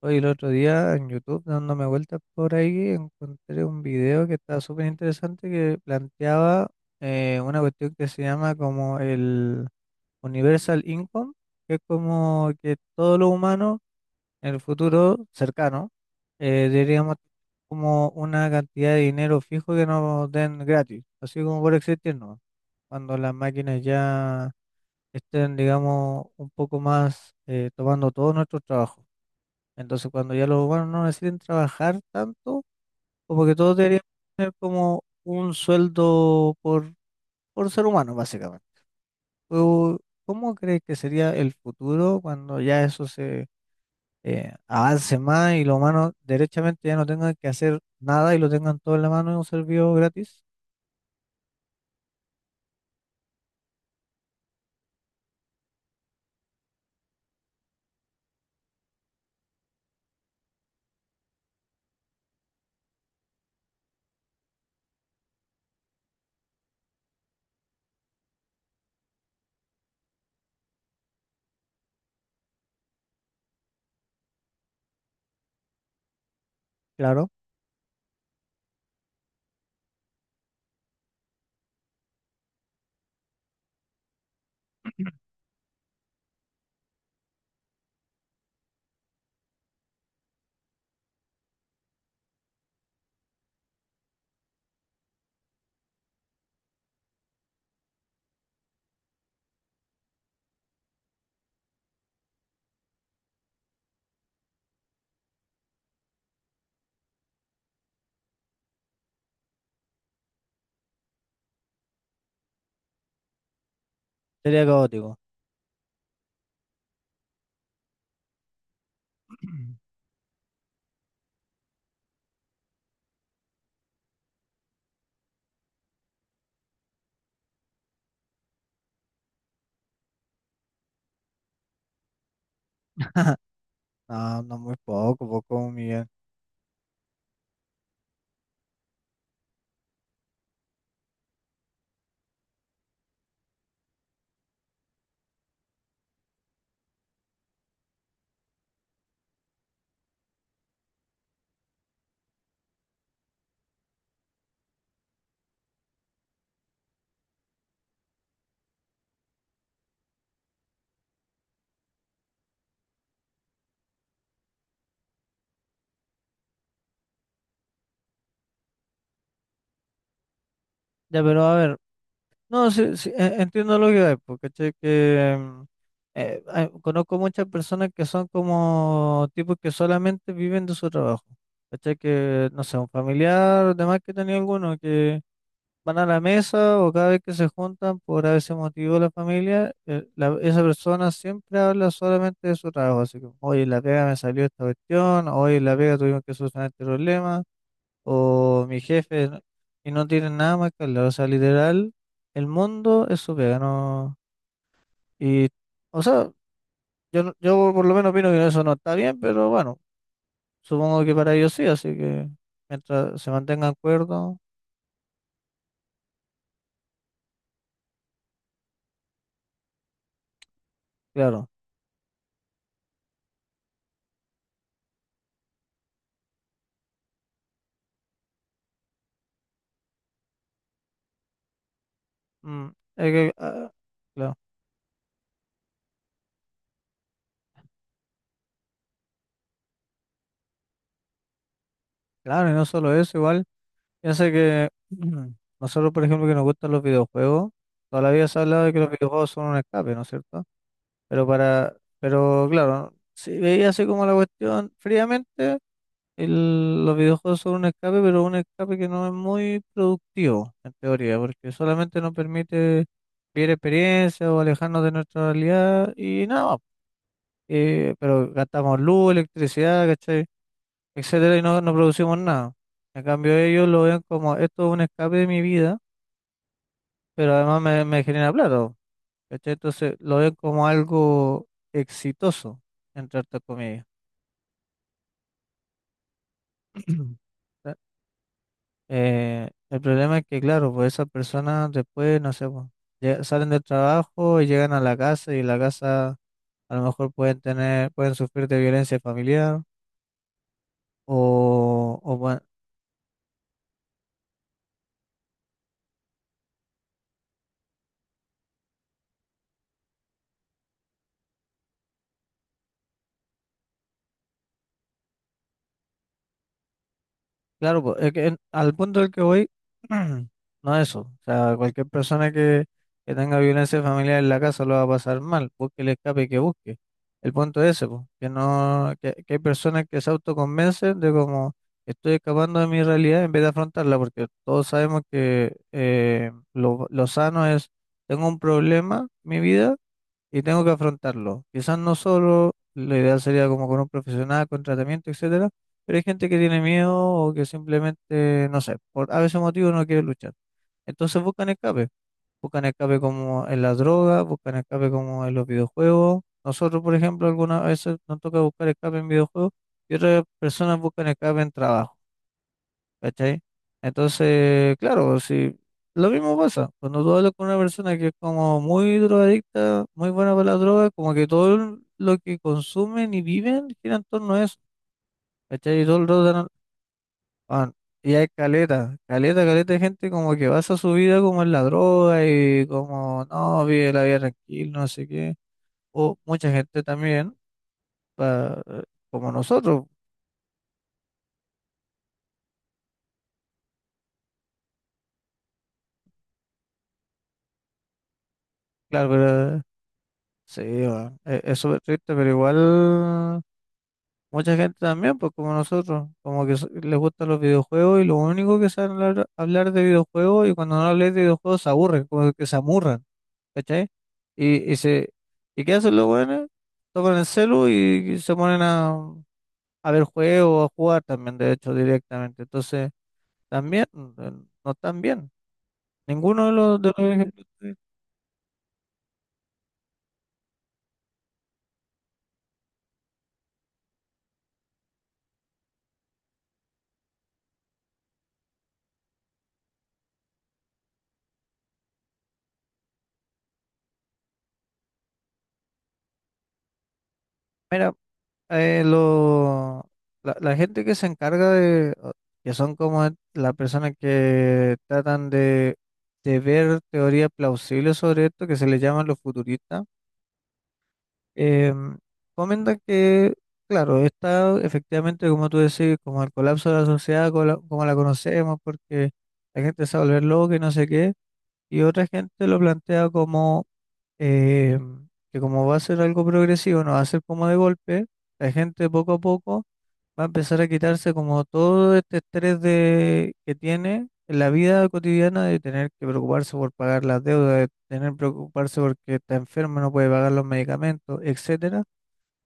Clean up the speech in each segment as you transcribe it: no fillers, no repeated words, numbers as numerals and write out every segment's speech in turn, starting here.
Hoy el otro día en YouTube, dándome vueltas por ahí, encontré un video que estaba súper interesante que planteaba una cuestión que se llama como el Universal Income, que es como que todos los humanos en el futuro cercano deberíamos tener como una cantidad de dinero fijo que nos den gratis, así como por existir, ¿no? Cuando las máquinas ya estén, digamos, un poco más tomando todos nuestros trabajos. Entonces, cuando ya los humanos no necesiten trabajar tanto, como que todos deberían tener como un sueldo por ser humano, básicamente. Pero, ¿cómo crees que sería el futuro cuando ya eso se avance más y los humanos derechamente ya no tengan que hacer nada y lo tengan todo en la mano en un servicio gratis? Claro, sería caótico. No, no muy poco, poco 1.000.000. Ya, pero a ver, no, sí, sí, entiendo lo que hay, porque ¿cachai? que conozco muchas personas que son como tipos que solamente viven de su trabajo. ¿Cachai? Que, no sé, un familiar, demás que tenía alguno, que van a la mesa o cada vez que se juntan por ese motivo la familia, esa persona siempre habla solamente de su trabajo. Así que, oye, en la pega me salió esta cuestión, oye, en la pega tuvimos que solucionar este problema, o mi jefe, ¿no? Y no tienen nada más que hablar. O sea, literal, el mundo es su pega, ¿no? Y. O sea, yo, no- yo por lo menos opino que eso no está bien, pero bueno, supongo que para ellos sí, así que mientras se mantengan acuerdo, claro. Mm, es que, claro, claro, y no solo eso, igual, piensa que nosotros, por ejemplo, que nos gustan los videojuegos, toda la vida se ha hablado de que los videojuegos son un escape, ¿no es cierto? Pero para, pero claro, si veía así como la cuestión fríamente, los videojuegos son un escape, pero un escape que no es muy productivo, en teoría, porque solamente nos permite vivir experiencias o alejarnos de nuestra realidad y nada más. Pero gastamos luz, electricidad, ¿cachai? Etcétera, y no, no producimos nada. En cambio, ellos lo ven como esto es un escape de mi vida, pero además me genera plata, ¿cachai? Entonces lo ven como algo exitoso, entre otras comillas. El problema es que, claro, pues esas personas después, no sé, pues, salen del trabajo y llegan a la casa y en la casa a lo mejor pueden sufrir de violencia familiar o, claro, pues, es que al punto del que voy, no es eso. O sea, cualquier persona que tenga violencia familiar en la casa lo va a pasar mal, busque el escape que busque. El punto es ese, pues, que no, que hay personas que se autoconvencen de como estoy escapando de mi realidad en vez de afrontarla, porque todos sabemos que lo sano es, tengo un problema en mi vida y tengo que afrontarlo. Quizás no solo, la idea sería como con un profesional, con tratamiento, etcétera, pero hay gente que tiene miedo o que simplemente, no sé, por a veces motivo no quiere luchar. Entonces buscan escape como en las drogas, buscan escape como en los videojuegos. Nosotros, por ejemplo, algunas veces nos toca buscar escape en videojuegos y otras personas buscan escape en trabajo. ¿Cachai? Entonces, claro, si lo mismo pasa, cuando tú hablas con una persona que es como muy drogadicta, muy buena para la droga, como que todo lo que consumen y viven gira en torno a eso, ¿cachai? Y todo el rato, ah, y hay caleta, caleta, caleta de gente como que basa su vida como en la droga y como, no, vive la vida tranquila, no sé qué. O mucha gente también, pa- eh, como nosotros, claro, pero sí, bueno, es súper triste, pero igual. Mucha gente también, pues como nosotros, como que les gustan los videojuegos y lo único que saben hablar, de videojuegos y cuando no hablas de videojuegos se aburren, como que se amurran, ¿cachai? Y, y, se, ¿y qué hacen los buenos? Tocan el celu y, se ponen a, ver juegos, a jugar también, de hecho, directamente. Entonces, también, no están bien. Ninguno de los, ejemplos. Mira, eh, lo- la gente que se encarga que son como las personas que tratan de ver teorías plausibles sobre esto, que se les llaman los futuristas, em, comentan que, claro, está efectivamente, como tú decís, como el colapso de la sociedad, como la conocemos, porque la gente se va a volver loca y no sé qué, y otra gente lo plantea como eh, que como va a ser algo progresivo, no va a ser como de golpe, la gente poco a poco va a empezar a quitarse como todo este estrés de, que tiene en la vida cotidiana de tener que preocuparse por pagar las deudas, de tener que preocuparse porque está enfermo, no puede pagar los medicamentos, etcétera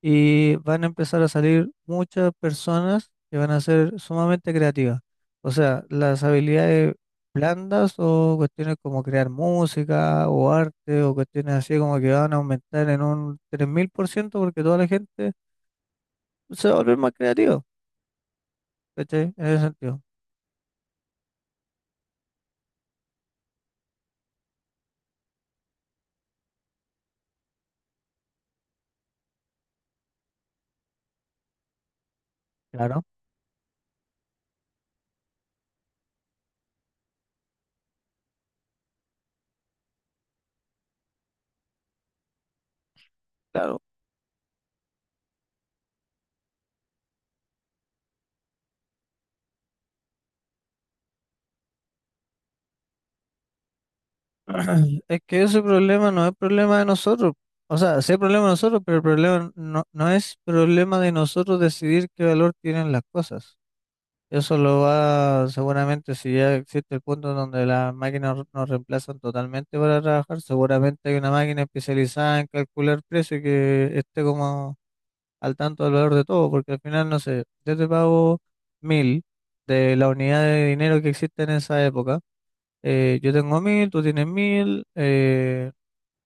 y van a empezar a salir muchas personas que van a ser sumamente creativas. O sea, las habilidades blandas o cuestiones como crear música o arte o cuestiones así como que van a aumentar en un 3.000% porque toda la gente se va a volver más creativa, ¿cachai? En ese sentido. Claro. Claro. Es que ese problema no es problema de nosotros. O sea, sí es problema de nosotros, pero el problema no, no es problema de nosotros decidir qué valor tienen las cosas. Eso lo va, seguramente, si ya existe el punto donde las máquinas nos reemplazan totalmente para trabajar, seguramente hay una máquina especializada en calcular precios que esté como al tanto del valor de todo, porque al final, no sé, yo te pago 1.000 de la unidad de dinero que existe en esa época, yo tengo 1.000, tú tienes 1.000,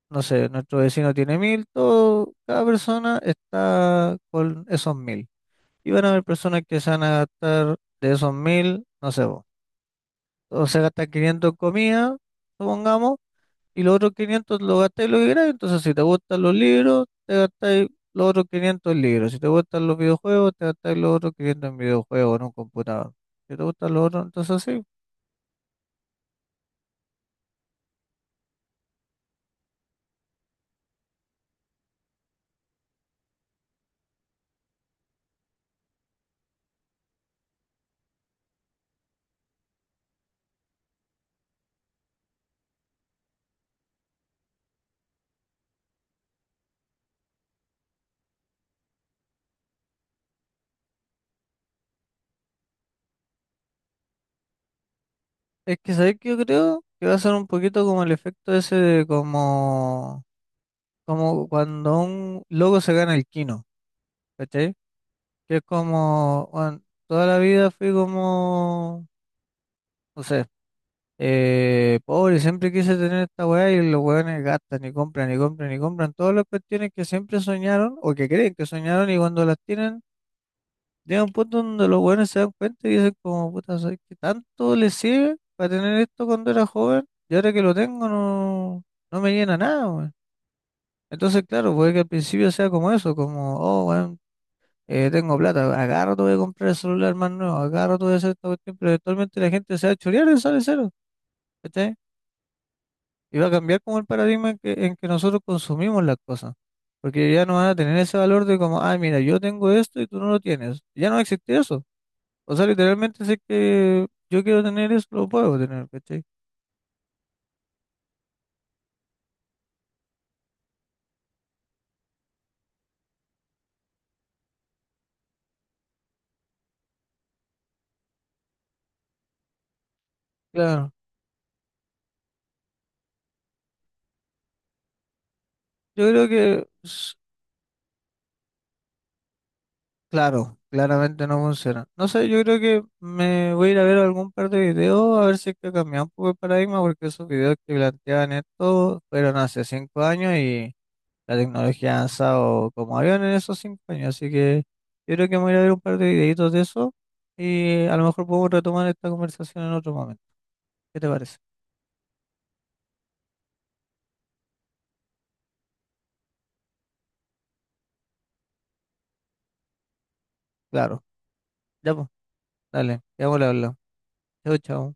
no sé, nuestro vecino tiene 1.000, todo, cada persona está con esos 1.000. Y van a haber personas que se van a gastar de esos 1.000, no sé. O sea, gastas 500 en comida, supongamos, y los otros 500 lo gastáis lo que queráis. Entonces, si te gustan los libros, te gastáis los otros 500 en libros. Si te gustan los videojuegos, te gastáis los otros 500 en videojuegos, en un computador. Si te gustan los otros, entonces sí. Es que sabéis que yo creo que va a ser un poquito como el efecto ese de como, como cuando un loco se gana el Kino, ¿cachai? Que es como, "Weón, toda la vida fui como, no sé. Pobre, siempre quise tener esta weá y los weones gastan y compran y compran y compran todas las cuestiones que siempre soñaron o que creen que soñaron y cuando las tienen llega un punto donde los weones se dan cuenta y dicen como puta, ¿sabes qué tanto les sirve para tener esto cuando era joven? Y ahora que lo tengo no, no me llena nada, weón. Entonces, claro, puede que al principio sea como eso, como, oh, weón, tengo plata, agarro, te voy a comprar el celular más nuevo, agarro, te voy a hacer esta cuestión, pero eventualmente la gente se va a chorear y sale cero. Y va a cambiar como el paradigma en que nosotros consumimos las cosas. Porque ya no van a tener ese valor de como, ah, mira, yo tengo esto y tú no lo tienes. Ya no existe eso. O sea, literalmente sé que yo quiero tener eso, lo puedo tener, ¿cachai? Claro. Yo creo que, claro, claramente no funciona. No sé, yo creo que me voy a ir a ver algún par de videos a ver si es que ha cambiado un poco el paradigma, porque esos videos que planteaban esto fueron hace 5 años y la tecnología ha avanzado como avión en esos 5 años, así que yo creo que me voy a ir a ver un par de videitos de eso y a lo mejor podemos retomar esta conversación en otro momento. ¿Qué te parece? Claro. Ya pues, dale, ya pues, le hablar. Chao, chao.